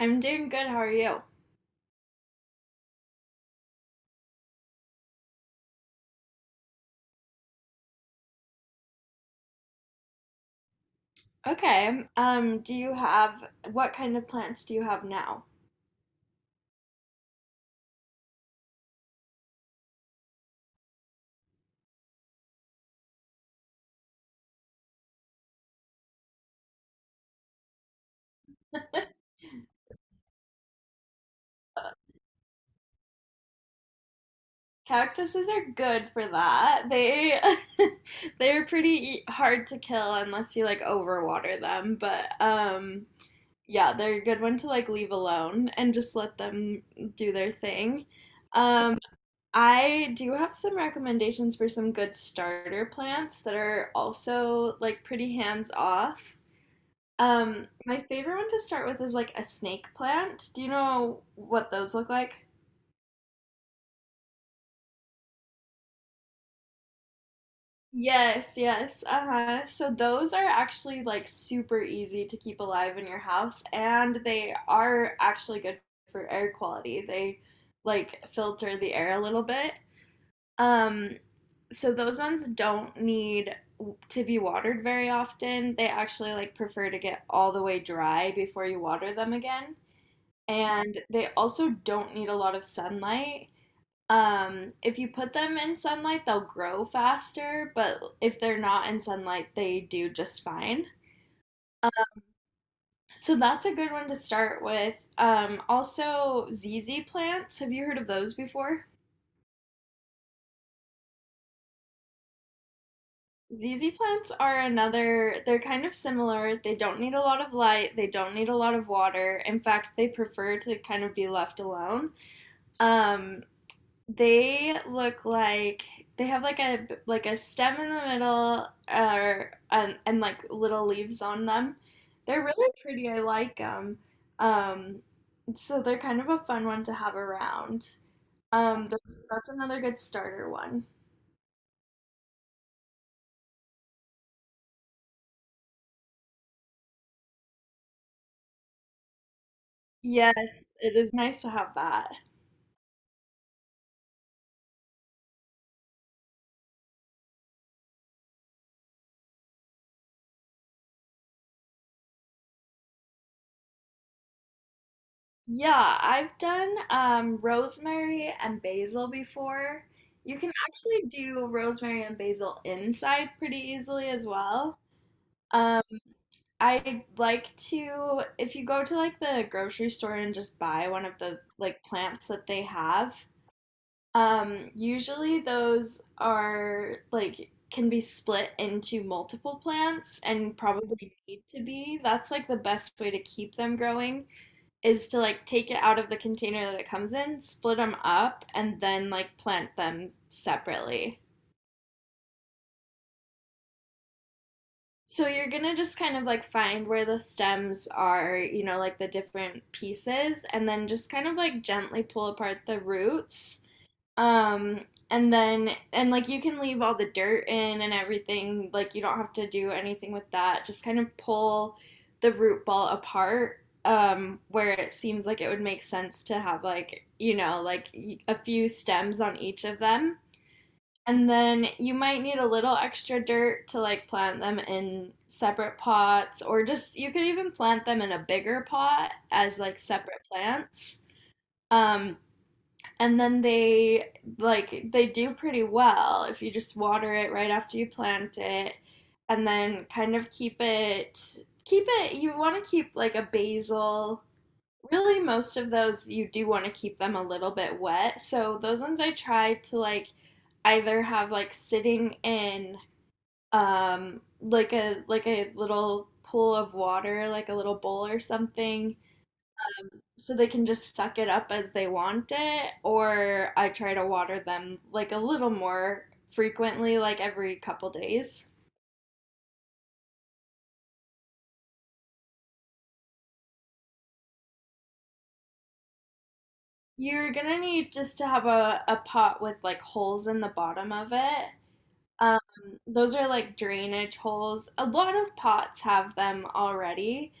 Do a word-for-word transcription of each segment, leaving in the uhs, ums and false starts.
I'm doing good. How are you? Okay. Um, do you have what kind of plants do you have now? Cactuses are good for that. They they're pretty e, hard to kill unless you like overwater them, but um yeah, they're a good one to like leave alone and just let them do their thing. Um I do have some recommendations for some good starter plants that are also like pretty hands off. Um, my favorite one to start with is like a snake plant. Do you know what those look like? Yes, yes. Uh-huh. So those are actually like super easy to keep alive in your house and they are actually good for air quality. They like filter the air a little bit. Um, so those ones don't need to be watered very often. They actually like prefer to get all the way dry before you water them again. And they also don't need a lot of sunlight. Um, if you put them in sunlight, they'll grow faster, but if they're not in sunlight, they do just fine. So that's a good one to start with. Um, also, Z Z plants. Have you heard of those before? Z Z plants are another, they're kind of similar. They don't need a lot of light, they don't need a lot of water. In fact, they prefer to kind of be left alone. Um, They look like they have like a like a stem in the middle, or and, and like little leaves on them. They're really pretty. I like them. Um, so they're kind of a fun one to have around. Um, that's, that's another good starter one. Yes, it is nice to have that. Yeah, I've done um, rosemary and basil before. You can actually do rosemary and basil inside pretty easily as well. Um, I like to, if you go to like the grocery store and just buy one of the like plants that they have. Um, usually those are like can be split into multiple plants and probably need to be. That's like the best way to keep them growing is to like take it out of the container that it comes in, split them up, and then like plant them separately. So you're gonna just kind of like find where the stems are, you know, like the different pieces, and then just kind of like gently pull apart the roots. Um, and then, and like you can leave all the dirt in and everything, like you don't have to do anything with that. Just kind of pull the root ball apart, um, where it seems like it would make sense to have, like, you know, like a few stems on each of them. And then you might need a little extra dirt to like plant them in separate pots, or just you could even plant them in a bigger pot as like separate plants. Um, and then they like they do pretty well if you just water it right after you plant it, and then kind of keep it keep it. You want to keep like a basil. Really, most of those you do want to keep them a little bit wet. So those ones I try to like either have like sitting in um like a like a little pool of water, like a little bowl or something, so they can just suck it up as they want it, or I try to water them like a little more frequently, like every couple days. You're gonna need just to have a, a pot with like holes in the bottom of it. Um, those are like drainage holes. A lot of pots have them already,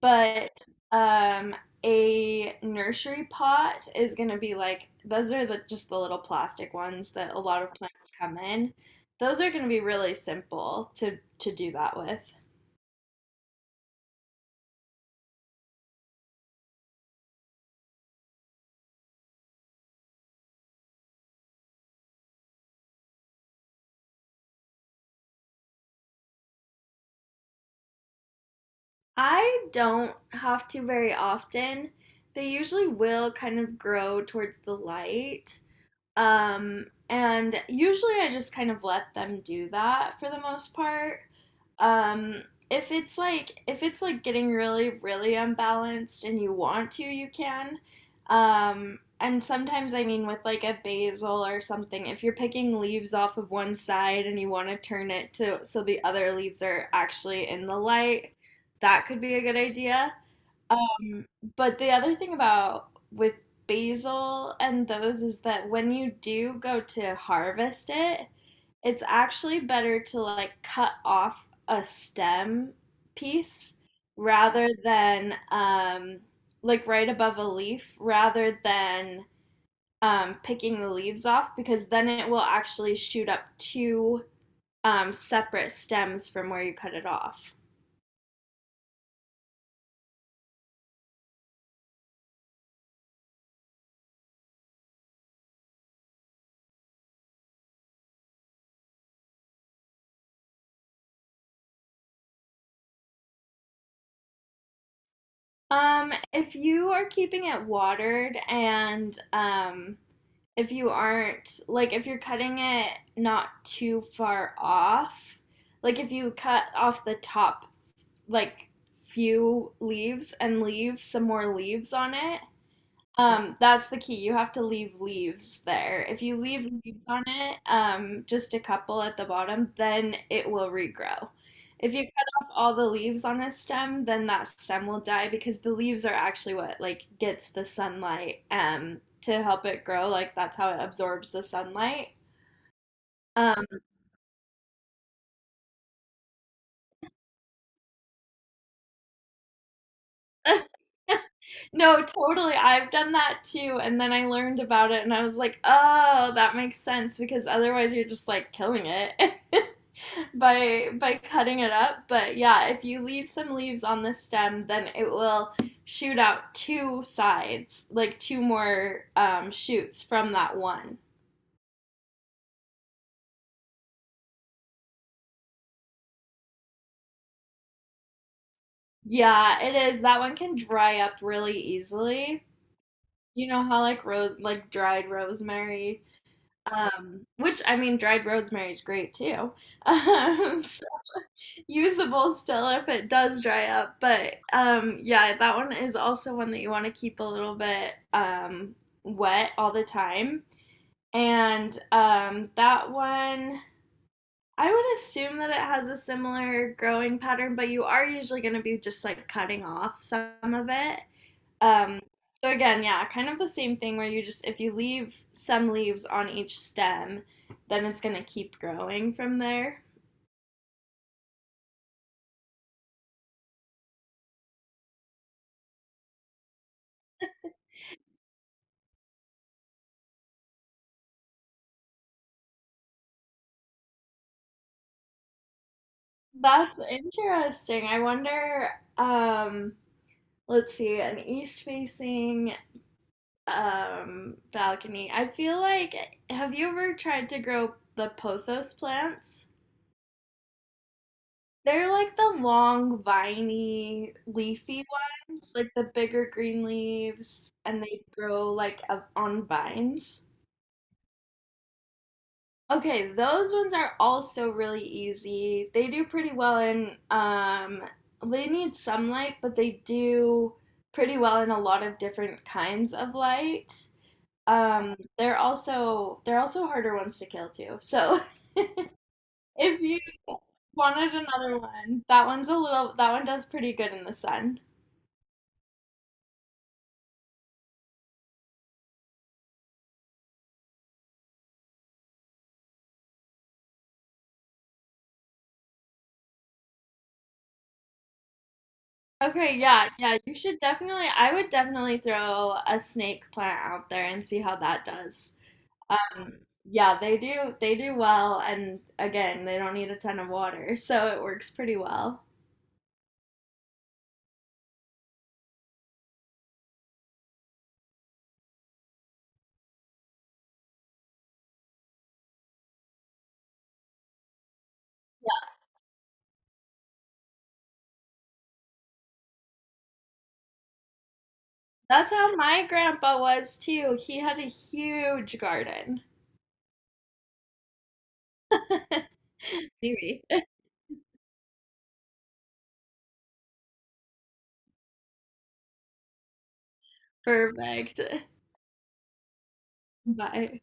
but um, a nursery pot is going to be like those are the just the little plastic ones that a lot of plants come in. Those are going to be really simple to to do that with. I don't have to very often. They usually will kind of grow towards the light. Um, and usually I just kind of let them do that for the most part. Um, if it's like if it's like getting really really unbalanced and you want to, you can. Um, and sometimes I mean with like a basil or something, if you're picking leaves off of one side and you want to turn it to so the other leaves are actually in the light, that could be a good idea. Um, but the other thing about with basil and those is that when you do go to harvest it, it's actually better to like cut off a stem piece rather than um, like right above a leaf rather than um, picking the leaves off because then it will actually shoot up two um, separate stems from where you cut it off. Um, if you are keeping it watered and um, if you aren't like if you're cutting it not too far off, like if you cut off the top like few leaves and leave some more leaves on it, um, that's the key. You have to leave leaves there. If you leave leaves on it, um, just a couple at the bottom, then it will regrow. If you cut off all the leaves on a stem, then that stem will die because the leaves are actually what like gets the sunlight um to help it grow. Like that's how it absorbs the sunlight. Um, no, totally. I've done that too, and then I learned about it and I was like, "Oh, that makes sense because otherwise you're just like killing it." by by cutting it up. But yeah, if you leave some leaves on the stem, then it will shoot out two sides, like two more um, shoots from that one. Yeah, it is. That one can dry up really easily. You know how like rose like dried rosemary, um, which I mean dried rosemary is great too. Um, Usable still if it does dry up. But um, yeah, that one is also one that you want to keep a little bit um, wet all the time. And um, that one, I would assume that it has a similar growing pattern, but you are usually going to be just like cutting off some of it. Um, so again, yeah, kind of the same thing where you just if you leave some leaves on each stem, then it's going to keep growing from there. That's interesting. I wonder, um, let's see, an east facing um balcony. I feel like have you ever tried to grow the pothos plants? They're like the long, viney, leafy ones, like the bigger green leaves, and they grow like up on vines. Okay, those ones are also really easy. They do pretty well in um they need some light, but they do pretty well in a lot of different kinds of light. Um they're also they're also harder ones to kill too. So if you wanted another one, that one's a little that one does pretty good in the sun. Okay, yeah, yeah, you should definitely I would definitely throw a snake plant out there and see how that does. Um, yeah, they do they do well and again, they don't need a ton of water, so it works pretty well. Yeah. That's how my grandpa was too. He had a huge garden. Maybe. Perfect. Bye.